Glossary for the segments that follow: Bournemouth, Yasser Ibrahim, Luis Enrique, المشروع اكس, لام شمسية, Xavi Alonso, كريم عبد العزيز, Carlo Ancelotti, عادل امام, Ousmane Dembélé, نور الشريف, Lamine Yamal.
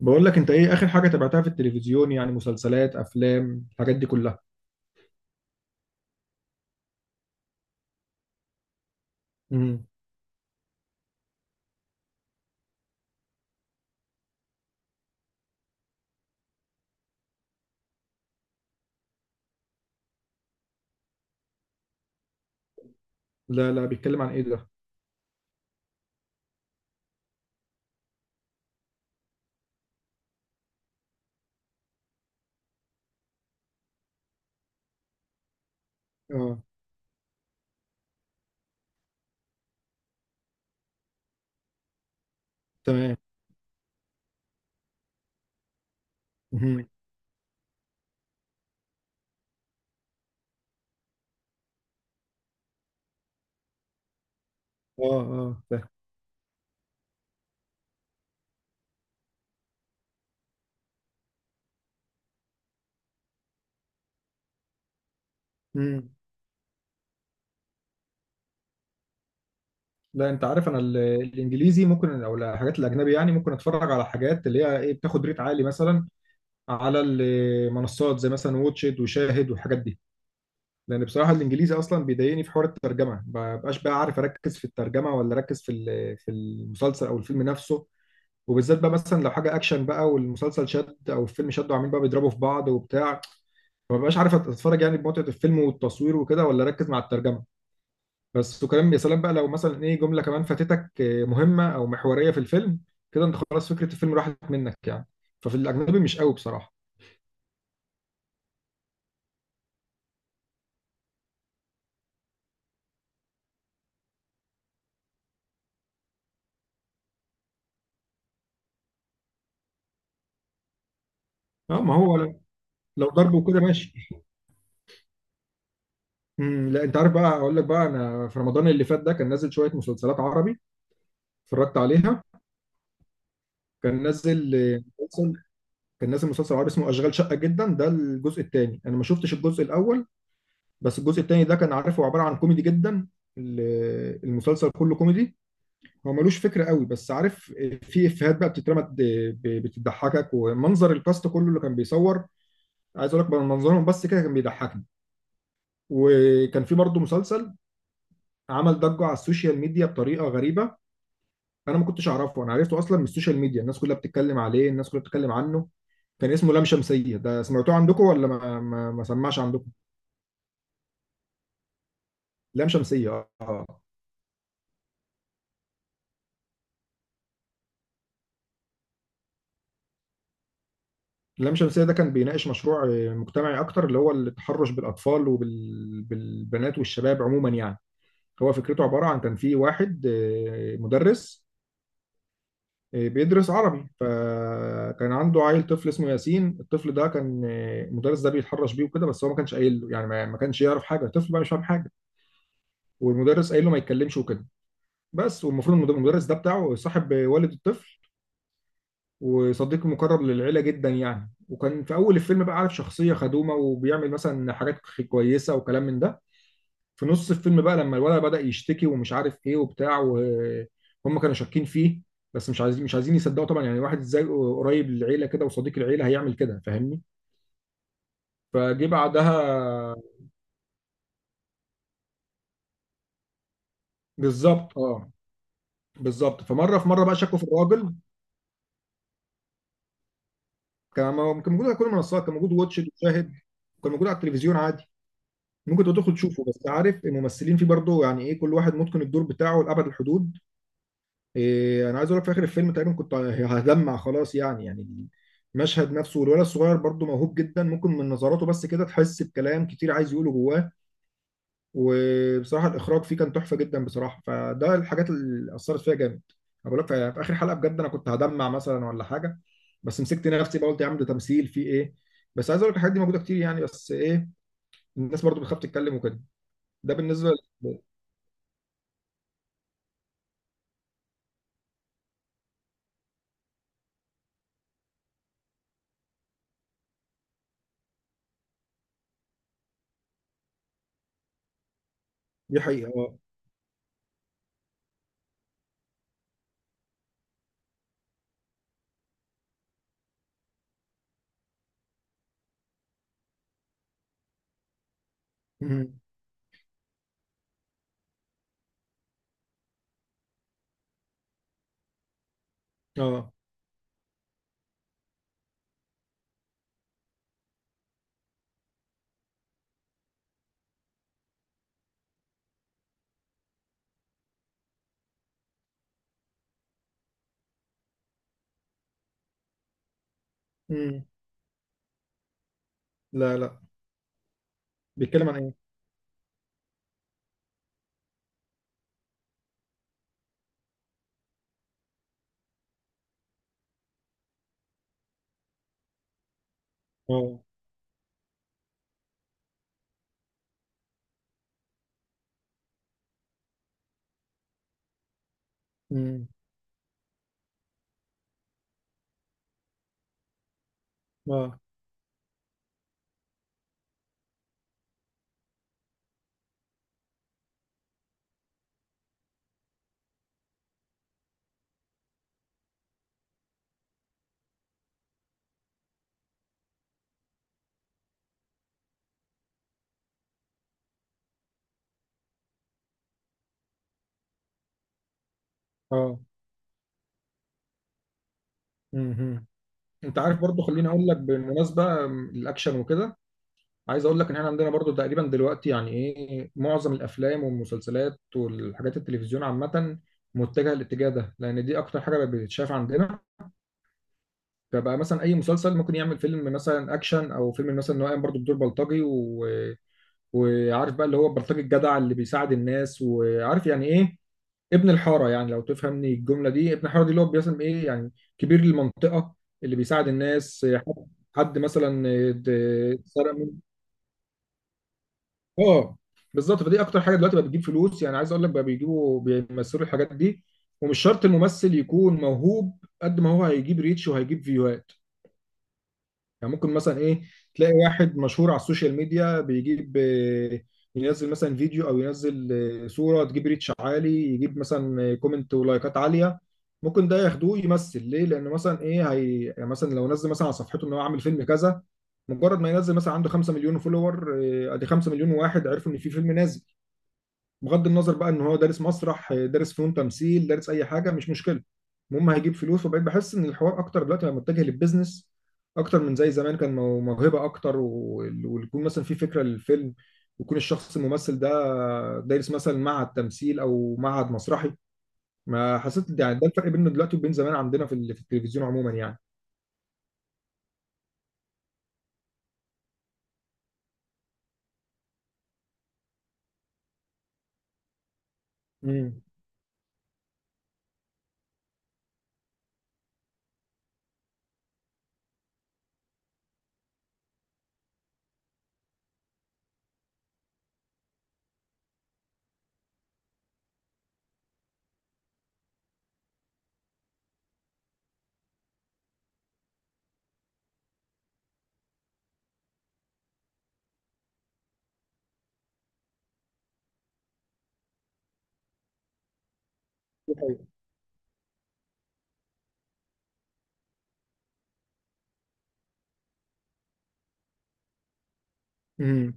بقول لك انت ايه اخر حاجه تابعتها في التلفزيون؟ يعني مسلسلات، افلام، الحاجات دي كلها. امم لا لا، بيتكلم عن ايه ده؟ اه. تمام. امم اه. اه فاهم. امم لا انت عارف انا الانجليزي ممكن، او الحاجات الاجنبي يعني ممكن اتفرج على حاجات اللي هي ايه، بتاخد ريت عالي مثلا، على المنصات زي مثلا واتشد وشاهد والحاجات دي. لان بصراحه الانجليزي اصلا بيضايقني في حوار الترجمه، ما بقاش بقى عارف اركز في الترجمه ولا اركز في في المسلسل او الفيلم نفسه. وبالذات بقى مثلا لو حاجه اكشن بقى والمسلسل شد او الفيلم شد وعاملين بقى بيضربوا في بعض وبتاع، فما بقاش عارف اتفرج يعني بمتعه الفيلم والتصوير وكده ولا اركز مع الترجمه. بس وكلام، يا سلام بقى لو مثلا ايه جمله كمان فاتتك مهمه او محوريه في الفيلم، كده انت خلاص فكره الفيلم راحت منك يعني. ففي الاجنبي مش قوي بصراحه. اه، ما هو لو لو ضرب وكده ماشي. لا انت عارف بقى، اقول لك بقى، انا في رمضان اللي فات ده كان نازل شويه مسلسلات عربي، اتفرجت عليها. كان نازل مسلسل، كان نازل مسلسل عربي اسمه اشغال شقه جدا، ده الجزء الثاني، انا ما شفتش الجزء الاول، بس الجزء الثاني ده كان عارف هو عباره عن كوميدي جدا. المسلسل كله كوميدي، هو ملوش فكره قوي بس عارف، في افيهات بقى بتترمى بتضحكك، ومنظر الكاست كله اللي كان بيصور، عايز اقول لك بقى منظرهم بس كده كان بيضحكني. وكان في برضه مسلسل عمل ضجه على السوشيال ميديا بطريقه غريبه. انا ما كنتش اعرفه، انا عرفته اصلا من السوشيال ميديا، الناس كلها بتتكلم عليه، الناس كلها بتتكلم عنه. كان اسمه لام شمسيه، ده سمعتوه عندكم ولا ما سمعش عندكم؟ لام شمسية اه. لام شمسية ده كان بيناقش مشروع مجتمعي أكتر، اللي هو التحرش بالأطفال وبالبنات والشباب عموما يعني. هو فكرته عبارة عن كان في واحد مدرس، بيدرس عربي، فكان عنده عيل طفل اسمه ياسين، الطفل ده كان المدرس ده بيتحرش بيه وكده، بس هو ما كانش قايل له يعني، ما كانش يعرف حاجة، الطفل بقى مش فاهم حاجة، والمدرس قايل له ما يتكلمش وكده بس. والمفروض المدرس ده بتاعه صاحب والد الطفل وصديق مقرب للعيلة جدا يعني، وكان في أول الفيلم بقى عارف شخصية خدومة وبيعمل مثلا حاجات كويسة وكلام من ده. في نص الفيلم بقى لما الولد بدأ يشتكي ومش عارف إيه وبتاع، وهم كانوا شاكين فيه بس مش عايزين، مش عايزين يصدقوا طبعا، يعني واحد ازاي قريب للعيلة كده وصديق العيلة هيعمل كده، فاهمني؟ فجه بعدها. بالظبط اه. بالظبط، فمره في مره بقى شكوا في الراجل. كان موجود على كل المنصات، كان موجود واتش إت وشاهد، كان موجود على التلفزيون عادي. ممكن تبقى تدخل تشوفه، بس عارف الممثلين فيه برضه يعني ايه، كل واحد متقن الدور بتاعه لأبعد الحدود. إيه، انا عايز اقول لك في اخر الفيلم تقريبا كنت هدمع خلاص يعني، يعني المشهد نفسه، والولد الصغير برضه موهوب جدا، ممكن من نظراته بس كده تحس بكلام كتير عايز يقوله جواه. وبصراحة الإخراج فيه كان تحفة جدا بصراحة، فده الحاجات اللي أثرت فيها جامد. أنا بقول لك في في آخر حلقة بجد أنا كنت هدمع مثلا ولا حاجة، بس مسكت نفسي بقى قلت يا عم ده تمثيل فيه إيه. بس عايز أقول لك الحاجات دي موجودة كتير يعني، بس إيه، الناس برضه بتخاف تتكلم وكده. ده بالنسبة. دي حقيقة اه. مم. اه. مم. لا لا، بيتكلم عن ايه؟ اه. مم. اه. اه. مم. انت عارف برضو، خليني اقول لك بالمناسبة الاكشن وكده، عايز اقول لك ان احنا عندنا برضو تقريبا دلوقتي، يعني ايه، معظم الافلام والمسلسلات والحاجات التلفزيون عامة متجهة الاتجاه ده، لان دي اكتر حاجة بقت بتتشاف عندنا. فبقى مثلا اي مسلسل ممكن يعمل فيلم مثلا اكشن، او فيلم مثلا ان هو قايم برضو بدور بلطجي، و... وعارف بقى اللي هو بلطجي الجدع اللي بيساعد الناس، وعارف يعني ايه ابن الحاره، يعني لو تفهمني الجمله دي، ابن الحاره دي اللي هو بيسم ايه يعني كبير المنطقه اللي بيساعد الناس، حد، حد مثلا ات- اتسرق منه. اه، بالظبط، فدي اكتر حاجه دلوقتي بقى بتجيب فلوس، يعني عايز اقول لك بقى بيجيبوا بيمثلوا الحاجات دي. ومش شرط الممثل يكون موهوب، قد ما هو هيجيب ريتش وهيجيب فيوهات. يعني ممكن مثلا ايه تلاقي واحد مشهور على السوشيال ميديا، بيجيب ينزل مثلا فيديو او ينزل صورة تجيب ريتش عالي، يجيب مثلا كومنت ولايكات عالية، ممكن ده ياخدوه يمثل، ليه؟ لان مثلا ايه، هي يعني مثلا لو نزل مثلا على صفحته ان هو عامل فيلم كذا، مجرد ما ينزل مثلا عنده 5 مليون فولور، ادي 5 مليون واحد عرفوا ان في فيلم نازل. بغض النظر بقى ان هو دارس مسرح، دارس فنون تمثيل، دارس اي حاجه، مش مشكله، المهم هيجيب فلوس. وبقيت بحس ان الحوار اكتر دلوقتي بقى متجه للبيزنس اكتر من زي زمان كان موهبه اكتر، و- ويكون مثلا في فكره للفيلم، ويكون الشخص الممثل ده دارس مثلا معهد تمثيل او معهد مسرحي. ما حسيت، يعني ده الفرق بينه دلوقتي وبين زمان عندنا في في التلفزيون عموما يعني. مم. دي حقيقة.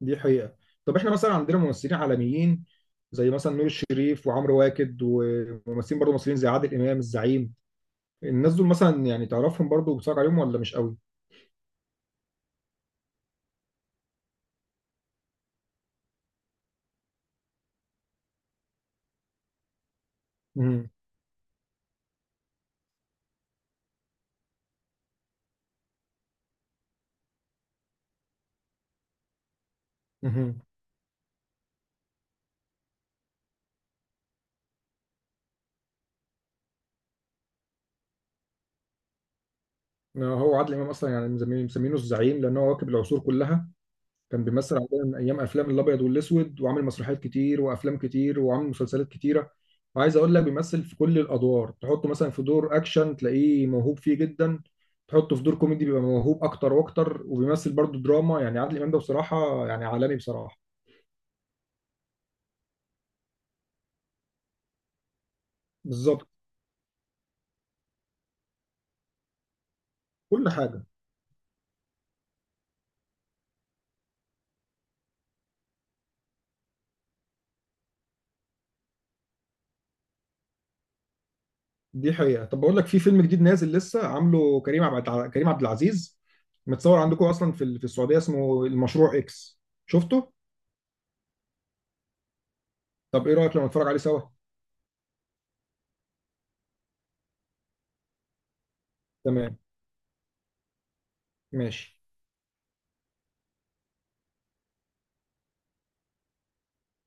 دي حقيقة. طب احنا مثلا عندنا ممثلين عالميين زي مثلا نور الشريف وعمرو واكد، وممثلين برضه مصريين زي عادل امام الزعيم، الناس دول مثلا يعني تعرفهم برضه وبتتفرج عليهم ولا مش قوي؟ امم امم هو عادل امام اصلا يعني مسمينه، مسمينه الزعيم، لان هو واكب العصور كلها. كان بيمثل عندنا من ايام افلام الابيض والاسود، وعامل مسرحيات كتير، وافلام كتير، وعامل مسلسلات كتيره. وعايز اقول لك بيمثل في كل الادوار، تحطه مثلا في دور اكشن تلاقيه موهوب فيه جدا، تحطه في دور كوميدي بيبقى موهوب اكتر واكتر، وبيمثل برضه دراما، يعني عادل امام ده بصراحه يعني عالمي بصراحه. بالظبط، كل حاجه. دي حقيقه. طب بقول لك في فيلم جديد نازل لسه عامله كريم عبد، كريم عبد العزيز متصور عندكم اصلا في في السعوديه، اسمه المشروع اكس، شفته؟ طب ايه رايك لو نتفرج عليه سوا؟ تمام، ماشي.